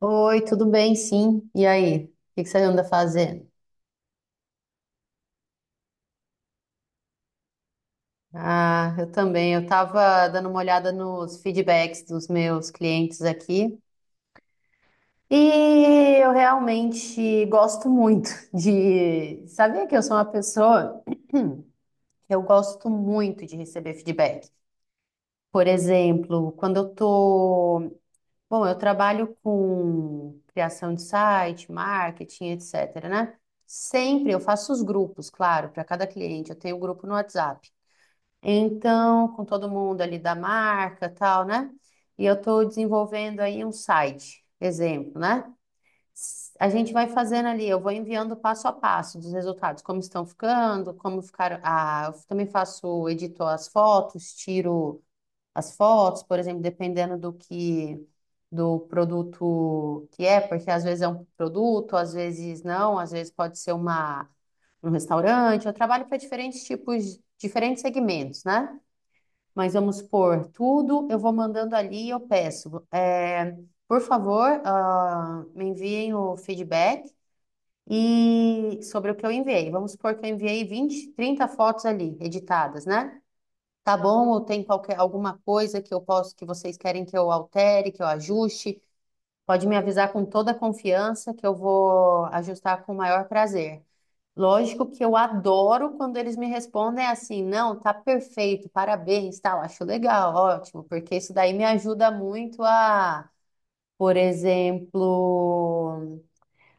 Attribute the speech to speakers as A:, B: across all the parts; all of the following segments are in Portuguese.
A: Oi, tudo bem? Sim. E aí? O que que você anda fazendo? Ah, eu também. Eu estava dando uma olhada nos feedbacks dos meus clientes aqui e eu realmente gosto muito de. Sabia que eu sou uma pessoa eu gosto muito de receber feedback. Por exemplo, quando eu tô Bom, eu trabalho com criação de site, marketing, etc, né? Sempre eu faço os grupos, claro, para cada cliente. Eu tenho um grupo no WhatsApp. Então, com todo mundo ali da marca, tal, né? E eu estou desenvolvendo aí um site, exemplo, né? A gente vai fazendo ali, eu vou enviando passo a passo dos resultados, como estão ficando, como ficaram. Ah, eu também faço, edito as fotos, tiro as fotos, por exemplo, dependendo do produto que é, porque às vezes é um produto, às vezes não, às vezes pode ser uma um restaurante. Eu trabalho para diferentes tipos, diferentes segmentos, né? Mas vamos supor, tudo eu vou mandando ali e eu peço, por favor, ah, me enviem o feedback e sobre o que eu enviei. Vamos supor que eu enviei 20, 30 fotos ali, editadas, né? Tá bom? Ou tem qualquer alguma coisa que eu posso que vocês querem que eu altere, que eu ajuste? Pode me avisar com toda a confiança que eu vou ajustar com o maior prazer. Lógico que eu adoro quando eles me respondem assim, não, tá perfeito, parabéns, tal, acho legal, ótimo, porque isso daí me ajuda muito a, por exemplo,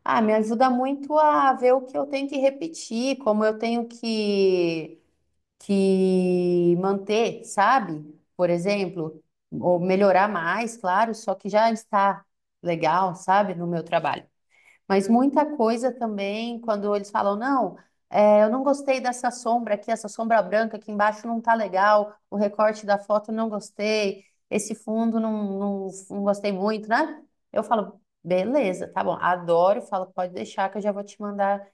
A: ah, me ajuda muito a ver o que eu tenho que repetir, como eu tenho que manter, sabe? Por exemplo, ou melhorar mais, claro, só que já está legal, sabe, no meu trabalho. Mas muita coisa também, quando eles falam, não, eu não gostei dessa sombra aqui, essa sombra branca aqui embaixo não tá legal, o recorte da foto eu não gostei, esse fundo não, não, não gostei muito, né? Eu falo, beleza, tá bom, adoro, falo, pode deixar que eu já vou te mandar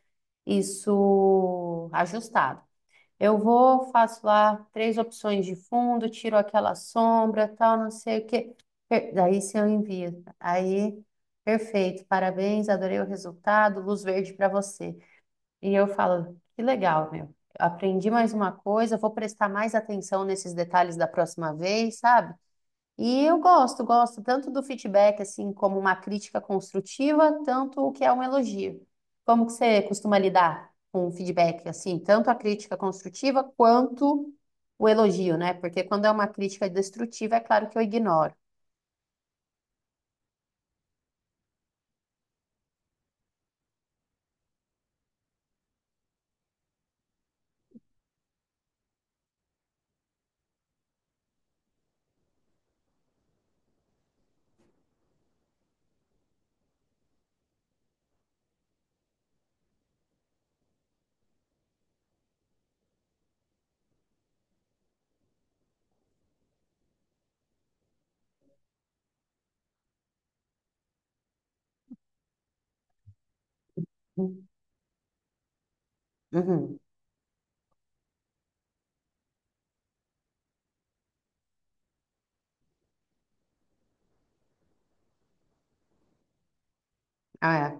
A: isso ajustado. Eu vou, faço lá três opções de fundo, tiro aquela sombra, tal, não sei o quê. Daí se eu envio, aí, perfeito, parabéns, adorei o resultado, luz verde para você. E eu falo, que legal, meu. Aprendi mais uma coisa, vou prestar mais atenção nesses detalhes da próxima vez, sabe? E eu gosto, gosto tanto do feedback assim como uma crítica construtiva, tanto o que é um elogio. Como que você costuma lidar com o feedback assim, tanto a crítica construtiva quanto o elogio, né? Porque quando é uma crítica destrutiva, é claro que eu ignoro. Uhum. Uhum. Ah,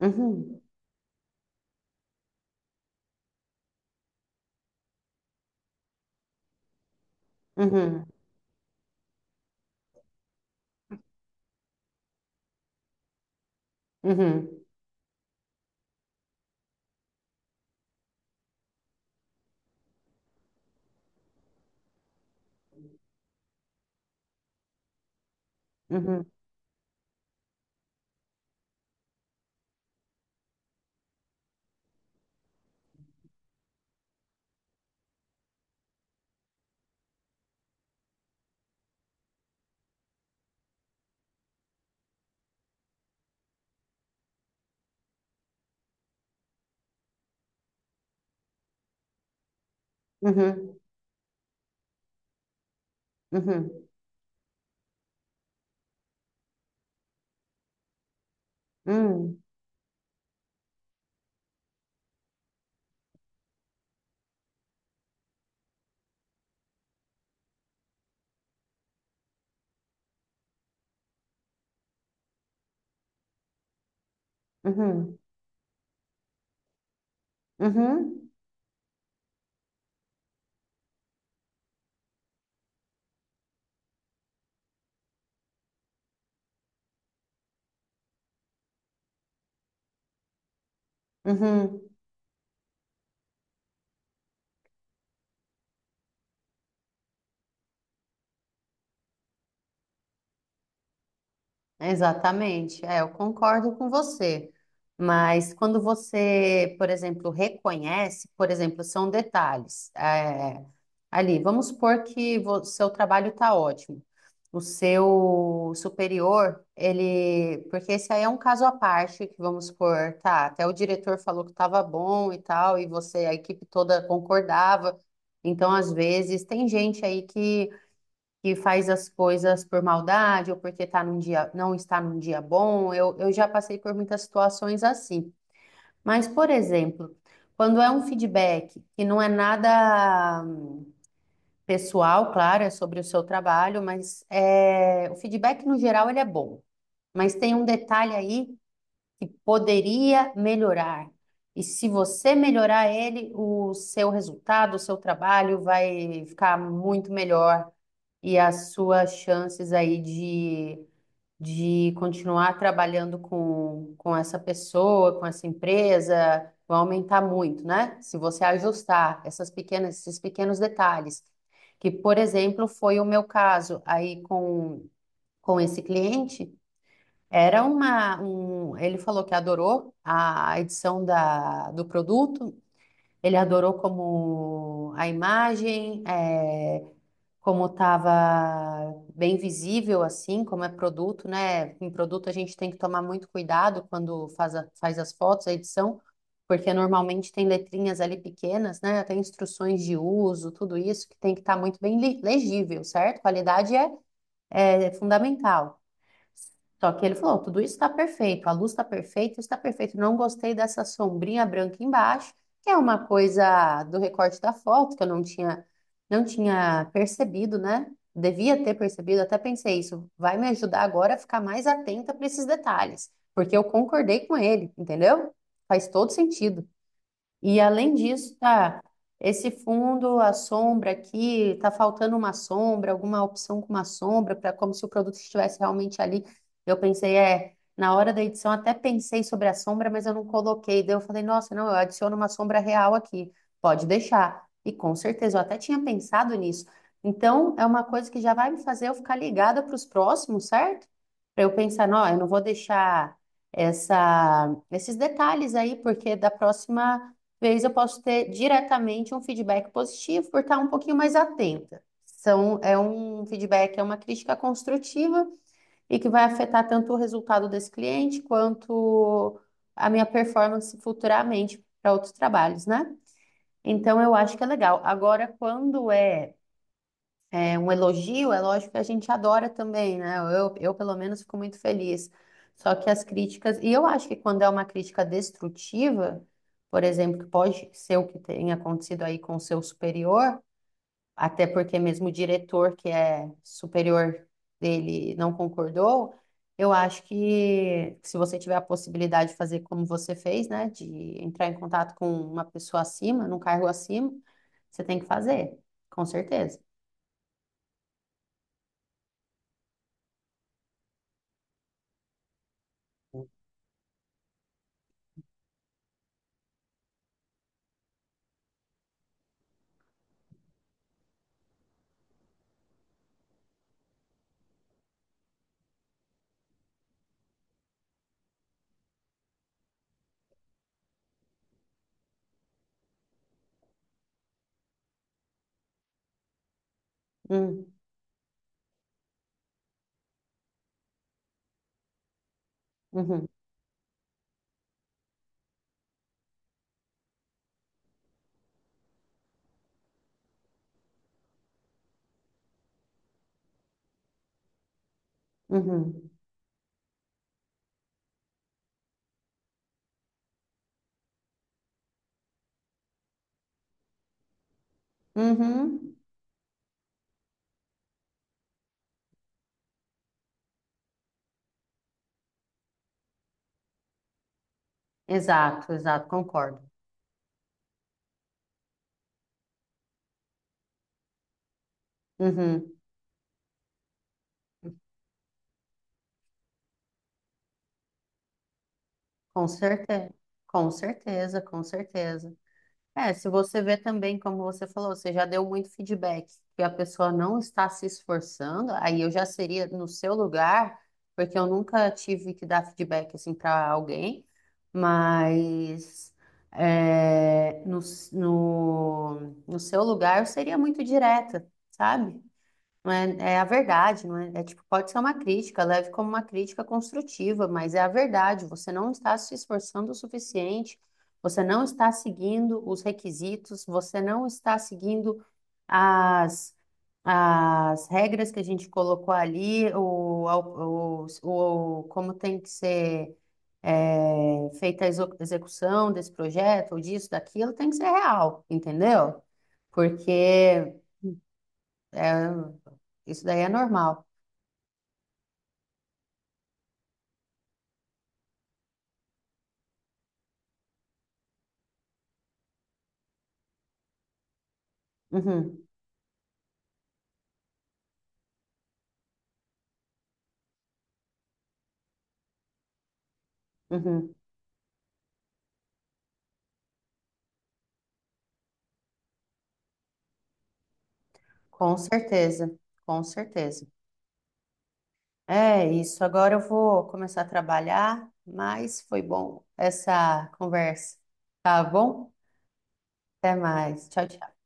A: é. Uhum. Uhum. Uhum. Uhum. Uhum. Uhum. Uhum. Uhum. Uhum. Uhum. Exatamente, é, eu concordo com você. Mas quando você, por exemplo, reconhece, por exemplo, são detalhes, ali, vamos supor que o seu trabalho está ótimo. O seu superior, ele. Porque esse aí é um caso à parte, que vamos supor, tá, até o diretor falou que estava bom e tal, e você, a equipe toda concordava. Então, às vezes, tem gente aí que faz as coisas por maldade ou porque tá num dia, não está num dia bom. Eu já passei por muitas situações assim. Mas, por exemplo, quando é um feedback que não é nada pessoal, claro, é sobre o seu trabalho, mas o feedback no geral ele é bom. Mas tem um detalhe aí que poderia melhorar. E se você melhorar ele, o seu resultado, o seu trabalho vai ficar muito melhor e as suas chances aí de continuar trabalhando com essa pessoa, com essa empresa, vão aumentar muito, né? Se você ajustar essas pequenas, esses pequenos detalhes, que, por exemplo, foi o meu caso aí com esse cliente, era uma, um, ele falou que adorou a edição do produto, ele adorou como a imagem, como estava bem visível, assim, como é produto, né? Em produto a gente tem que tomar muito cuidado quando faz, faz as fotos, a edição, porque normalmente tem letrinhas ali pequenas, né? Tem instruções de uso, tudo isso que tem que estar muito bem legível, certo? Qualidade é fundamental. Só que ele falou: tudo isso está perfeito, a luz está perfeita, está perfeito. Não gostei dessa sombrinha branca embaixo, que é uma coisa do recorte da foto que eu não tinha percebido, né? Devia ter percebido, até pensei isso. Vai me ajudar agora a ficar mais atenta para esses detalhes, porque eu concordei com ele, entendeu? Faz todo sentido. E além disso, tá, esse fundo, a sombra aqui, tá faltando uma sombra, alguma opção com uma sombra, para como se o produto estivesse realmente ali. Eu pensei, na hora da edição até pensei sobre a sombra, mas eu não coloquei. Daí eu falei, nossa, não, eu adiciono uma sombra real aqui, pode deixar. E com certeza, eu até tinha pensado nisso. Então, é uma coisa que já vai me fazer eu ficar ligada para os próximos, certo? Para eu pensar, não, eu não vou deixar essa, esses detalhes aí, porque da próxima vez eu posso ter diretamente um feedback positivo por estar um pouquinho mais atenta. É um feedback, é uma crítica construtiva e que vai afetar tanto o resultado desse cliente quanto a minha performance futuramente para outros trabalhos, né? Então eu acho que é legal. Agora, quando é um elogio, é lógico que a gente adora também, né? Eu pelo menos fico muito feliz. Só que as críticas, e eu acho que quando é uma crítica destrutiva, por exemplo, que pode ser o que tem acontecido aí com o seu superior, até porque mesmo o diretor que é superior dele não concordou, eu acho que se você tiver a possibilidade de fazer como você fez, né, de entrar em contato com uma pessoa acima, num cargo acima, você tem que fazer, com certeza. Hum, uhum. Uhum. Uhum. Exato, exato, concordo. Uhum. Com certeza. Com certeza, com certeza. É, se você vê também, como você falou, você já deu muito feedback, que a pessoa não está se esforçando, aí eu já seria no seu lugar, porque eu nunca tive que dar feedback assim para alguém, mas é, no, no, no seu lugar eu seria muito direta, sabe? Não é, é a verdade, não é? É tipo, pode ser uma crítica, leve como uma crítica construtiva, mas é a verdade. Você não está se esforçando o suficiente, você não está seguindo os requisitos, você não está seguindo as, as regras que a gente colocou ali, como tem que ser feita a execução desse projeto, ou disso, daquilo, tem que ser real, entendeu? Porque é, isso daí é normal. Uhum, uhum. Com certeza, com certeza. É isso. Agora eu vou começar a trabalhar, mas foi bom essa conversa. Tá bom? Até mais. Tchau, tchau.